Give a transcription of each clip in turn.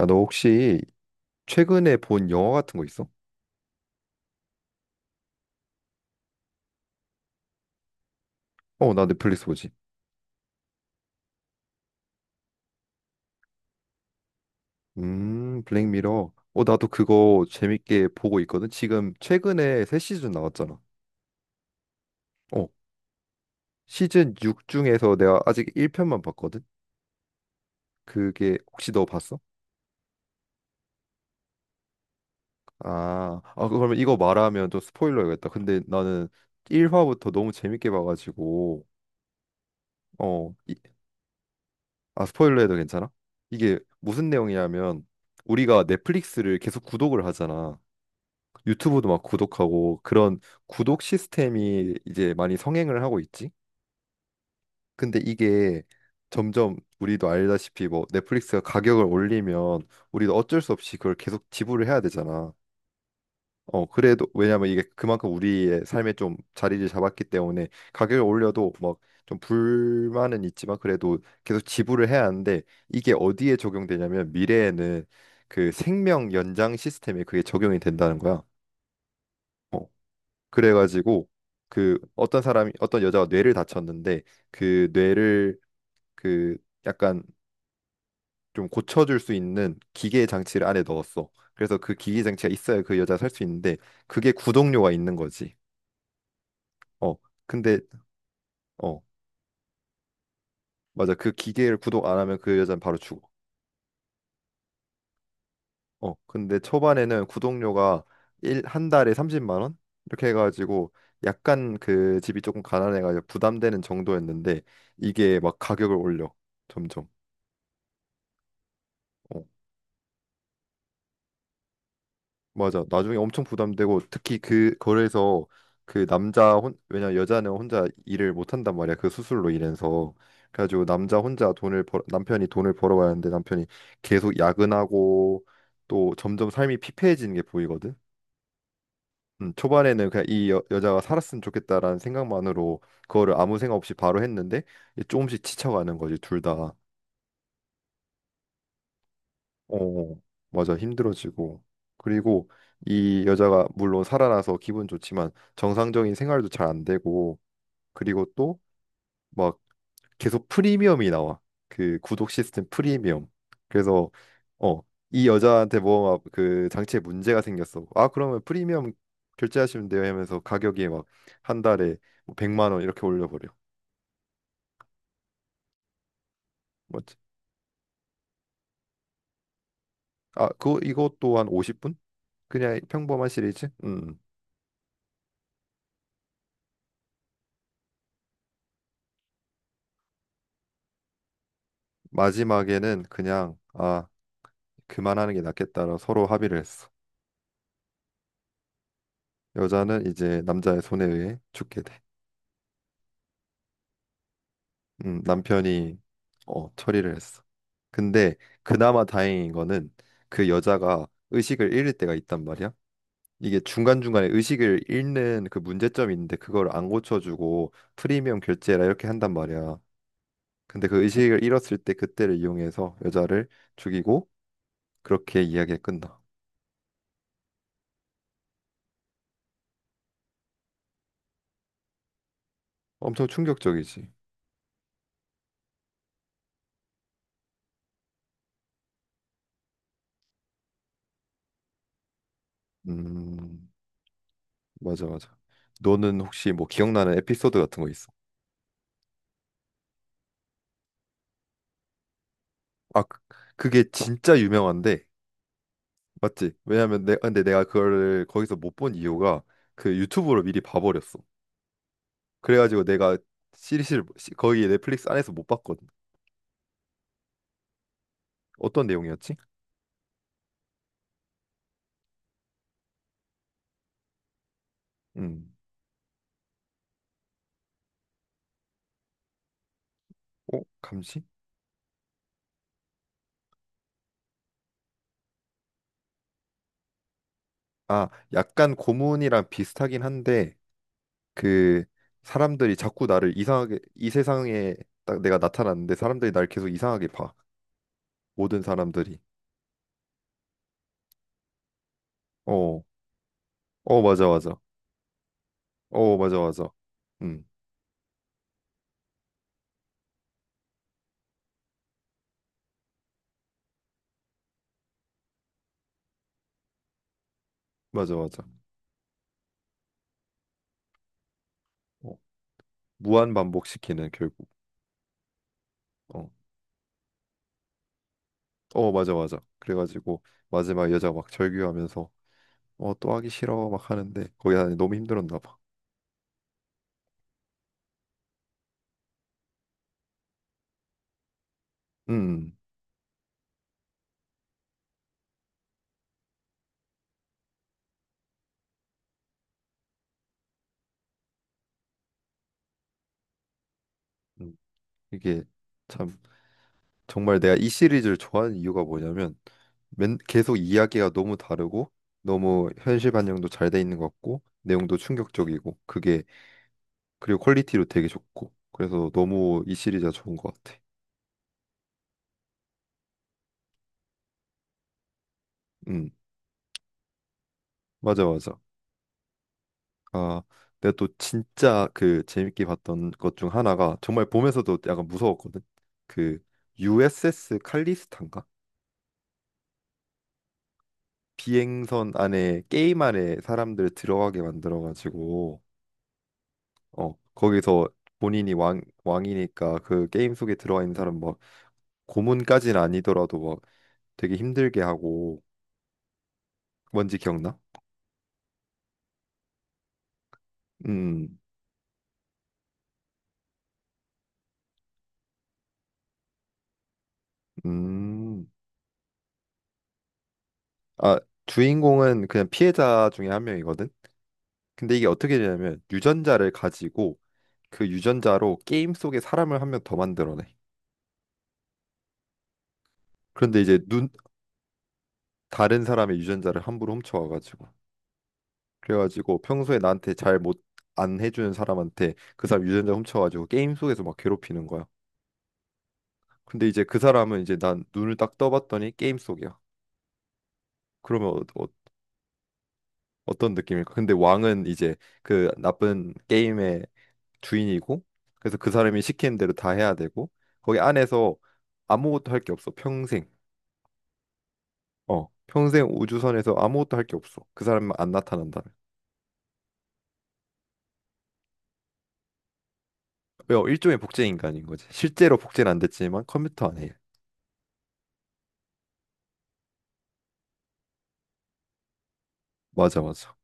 야, 너 혹시 최근에 본 영화 같은 거 있어? 어, 나 넷플릭스 보지. 블랙미러. 어, 나도 그거 재밌게 보고 있거든. 지금 최근에 새 시즌 나왔잖아. 어, 시즌 6 중에서 내가 아직 1편만 봤거든. 그게 혹시 너 봤어? 아, 그러면 이거 말하면 좀 스포일러겠다. 근데 나는 1화부터 너무 재밌게 봐가지고, 어, 이- 아, 스포일러 해도 괜찮아? 이게 무슨 내용이냐면 우리가 넷플릭스를 계속 구독을 하잖아. 유튜브도 막 구독하고 그런 구독 시스템이 이제 많이 성행을 하고 있지. 근데 이게 점점 우리도 알다시피 뭐 넷플릭스가 가격을 올리면 우리도 어쩔 수 없이 그걸 계속 지불을 해야 되잖아. 그래도 왜냐면 이게 그만큼 우리의 삶에 좀 자리를 잡았기 때문에 가격을 올려도 막 좀 불만은 있지만 그래도 계속 지불을 해야 하는데, 이게 어디에 적용되냐면 미래에는 그 생명 연장 시스템에 그게 적용이 된다는 거야. 어, 그래가지고 그 어떤 사람이, 어떤 여자가 뇌를 다쳤는데 그 뇌를 그 약간 좀 고쳐줄 수 있는 기계 장치를 안에 넣었어. 그래서 그 기계 장치가 있어야 그 여자 살 수 있는데, 그게 구독료가 있는 거지. 어 근데 어 맞아. 그 기계를 구독 안 하면 그 여자는 바로 죽어. 근데 초반에는 구독료가 일 한 달에 30만 원, 이렇게 해가지고 약간 그 집이 조금 가난해가지고 부담되는 정도였는데 이게 막 가격을 올려, 점점. 어. 맞아. 나중에 엄청 부담되고, 특히 그 거래에서 그 남자 혼 왜냐 여자는 혼자 일을 못 한단 말이야. 그 수술로 인해서. 그래가지고 남자 혼자 돈을 벌 남편이 돈을 벌어와야 하는데 남편이 계속 야근하고 또 점점 삶이 피폐해지는 게 보이거든. 초반에는 그냥 이 여자가 살았으면 좋겠다라는 생각만으로 그거를 아무 생각 없이 바로 했는데 이제 조금씩 지쳐가는 거지, 둘 다. 어, 맞아. 힘들어지고. 그리고 이 여자가 물론 살아나서 기분 좋지만 정상적인 생활도 잘 안 되고, 그리고 또 막 계속 프리미엄이 나와. 그 구독 시스템 프리미엄. 그래서 어, 이 여자한테 뭐 그 장치에 문제가 생겼어. 아, 그러면 프리미엄 결제하시면 돼요 하면서 가격이 막 한 달에 뭐 100만 원 이렇게 올려버려. 맞지? 아, 그거 이것도 한 50분? 그냥 평범한 시리즈? 음. 마지막에는 그냥 아 그만하는 게 낫겠다라 서로 합의를 했어. 여자는 이제 남자의 손에 의해 죽게 돼. 남편이 어, 처리를 했어. 근데 그나마 다행인 거는 그 여자가 의식을 잃을 때가 있단 말이야. 이게 중간중간에 의식을 잃는 그 문제점이 있는데 그걸 안 고쳐주고 프리미엄 결제라 이렇게 한단 말이야. 근데 그 의식을 잃었을 때 그때를 이용해서 여자를 죽이고 그렇게 이야기가 끝나. 엄청 충격적이지. 음. 맞아, 맞아. 너는 혹시 뭐 기억나는 에피소드 같은 거 있어? 아, 그- 그게 진짜 유명한데, 맞지? 근데 내가 그거를 거기서 못 본 이유가 그 유튜브로 미리 봐버렸어. 그래가지고 내가 거기 넷플릭스 안에서 못 봤거든. 어떤 내용이었지? 음, 감시? 아, 약간 고문이랑 비슷하긴 한데 그 사람들이 자꾸 나를 이상하게, 이 세상에 딱 내가 나타났는데 사람들이 날 계속 이상하게 봐. 모든 사람들이. 어, 어, 맞아, 맞아. 어, 맞아, 맞아. 음, 맞아, 맞아. 어, 무한 반복시키는, 결국. 어, 어, 맞아, 맞아. 그래가지고 마지막 여자 막 절규하면서 어, 또 하기 싫어 막 하는데 거기 다 너무 힘들었나 봐. 음, 음, 이게 참 정말 내가 이 시리즈를 좋아하는 이유가 뭐냐면 계속 이야기가 너무 다르고 너무 현실 반영도 잘 돼 있는 것 같고 내용도 충격적이고 그게, 그리고 퀄리티도 되게 좋고, 그래서 너무 이 시리즈가 좋은 것 같아. 음, 맞아, 맞아. 아, 내가 또 진짜 그 재밌게 봤던 것 중 하나가 정말 보면서도 약간 무서웠거든. 그 USS 칼리스탄가? 비행선 안에 게임 안에 사람들 들어가게 만들어 가지고 어, 거기서 본인이 왕 왕이니까 그 게임 속에 들어가 있는 사람 막 고문까지는 아니더라도 막 되게 힘들게 하고, 뭔지 기억나? 음. 음. 아, 주인공은 그냥 피해자 중에 한 명이거든. 근데 이게 어떻게 되냐면 유전자를 가지고 그 유전자로 게임 속에 사람을 한 명 더 만들어내. 그런데 이제 눈, 다른 사람의 유전자를 함부로 훔쳐와가지고 그래가지고 평소에 나한테 잘 못, 안 해주는 사람한테 그 사람 유전자 훔쳐가지고 게임 속에서 막 괴롭히는 거야. 근데 이제 그 사람은 이제 난 눈을 딱 떠봤더니 게임 속이야. 그러면 어, 떤 느낌일까? 근데 왕은 이제 그 나쁜 게임의 주인이고 그래서 그 사람이 시키는 대로 다 해야 되고 거기 안에서 아무것도 할 게 없어, 평생. 어, 평생 우주선에서 아무것도 할 게 없어. 그 사람만 안 나타난다면. 왜 일종의 복제 인간인 거지. 실제로 복제는 안 됐지만 컴퓨터 안에. 맞아, 맞아.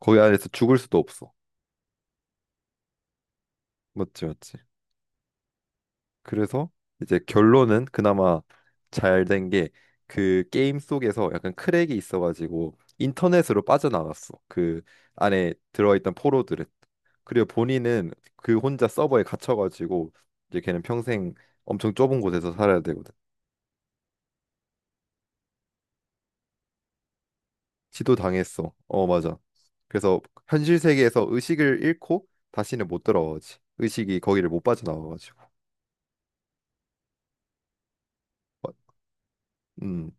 거기 안에서 죽을 수도 없어. 맞지, 맞지. 그래서 이제 결론은 그나마 잘 된 게, 그 게임 속에서 약간 크랙이 있어가지고 인터넷으로 빠져나갔어. 그 안에 들어있던 포로들은. 그리고 본인은 그 혼자 서버에 갇혀가지고 이제 걔는 평생 엄청 좁은 곳에서 살아야 되거든. 지도 당했어. 어, 맞아. 그래서 현실 세계에서 의식을 잃고 다시는 못 들어오지. 의식이 거기를 못 빠져나와가지고. 어, 음,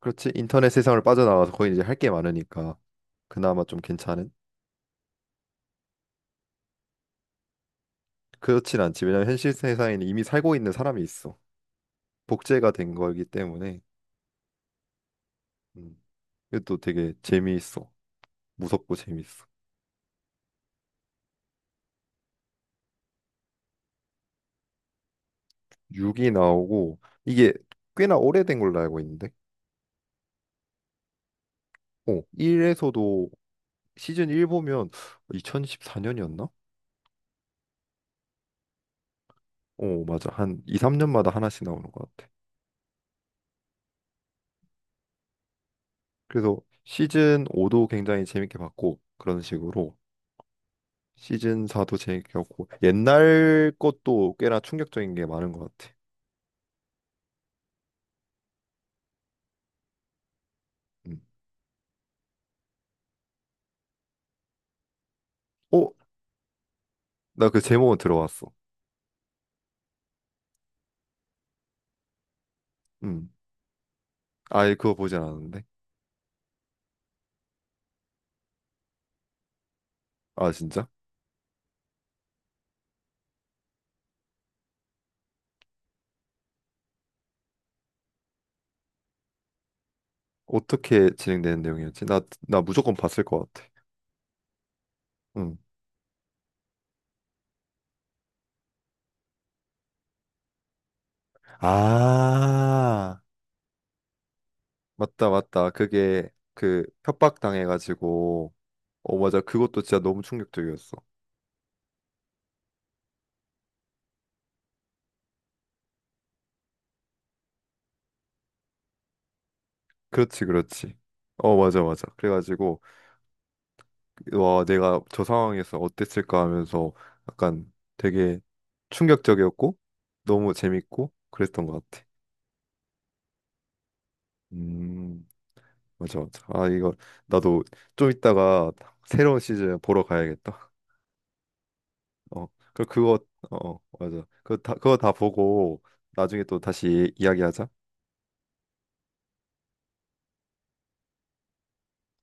그렇지. 인터넷 세상을 빠져나와서 거기 이제 할 게 많으니까 그나마 좀 괜찮은. 그렇진 않지. 왜냐면 현실 세상에는 이미 살고 있는 사람이 있어. 복제가 된 거기 때문에. 음, 이것도 되게 재미있어. 무섭고 재미있어. 6이 나오고 이게 꽤나 오래된 걸로 알고 있는데. 어, 1에서도, 시즌 1 보면 2014년이었나? 어, 맞아. 한 2, 3년마다 하나씩 나오는 것 같아. 그래서 시즌 5도 굉장히 재밌게 봤고 그런 식으로 시즌 4도 재밌게 봤고, 옛날 것도 꽤나 충격적인 게 많은 것 같아. 음. 어? 나 그 제목은 들어왔어. 음. 아예 그거 보진 않았는데. 아, 진짜? 어떻게 진행되는 내용이었지? 나 무조건 봤을 것 같아. 음. 아, 맞다, 맞다. 그게 그 협박 당해가지고 어, 맞아. 그것도 진짜 너무 충격적이었어. 그렇지, 그렇지. 어, 맞아, 맞아. 그래가지고, 와, 내가 저 상황에서 어땠을까 하면서 약간 되게 충격적이었고, 너무 재밌고, 그랬던 것 같아. 음, 맞아, 맞아. 아, 이거, 나도 좀 이따가 새로운 시즌 보러 가야겠다. 어, 그거, 어, 맞아. 그거 다 보고, 나중에 또 다시 이야기하자.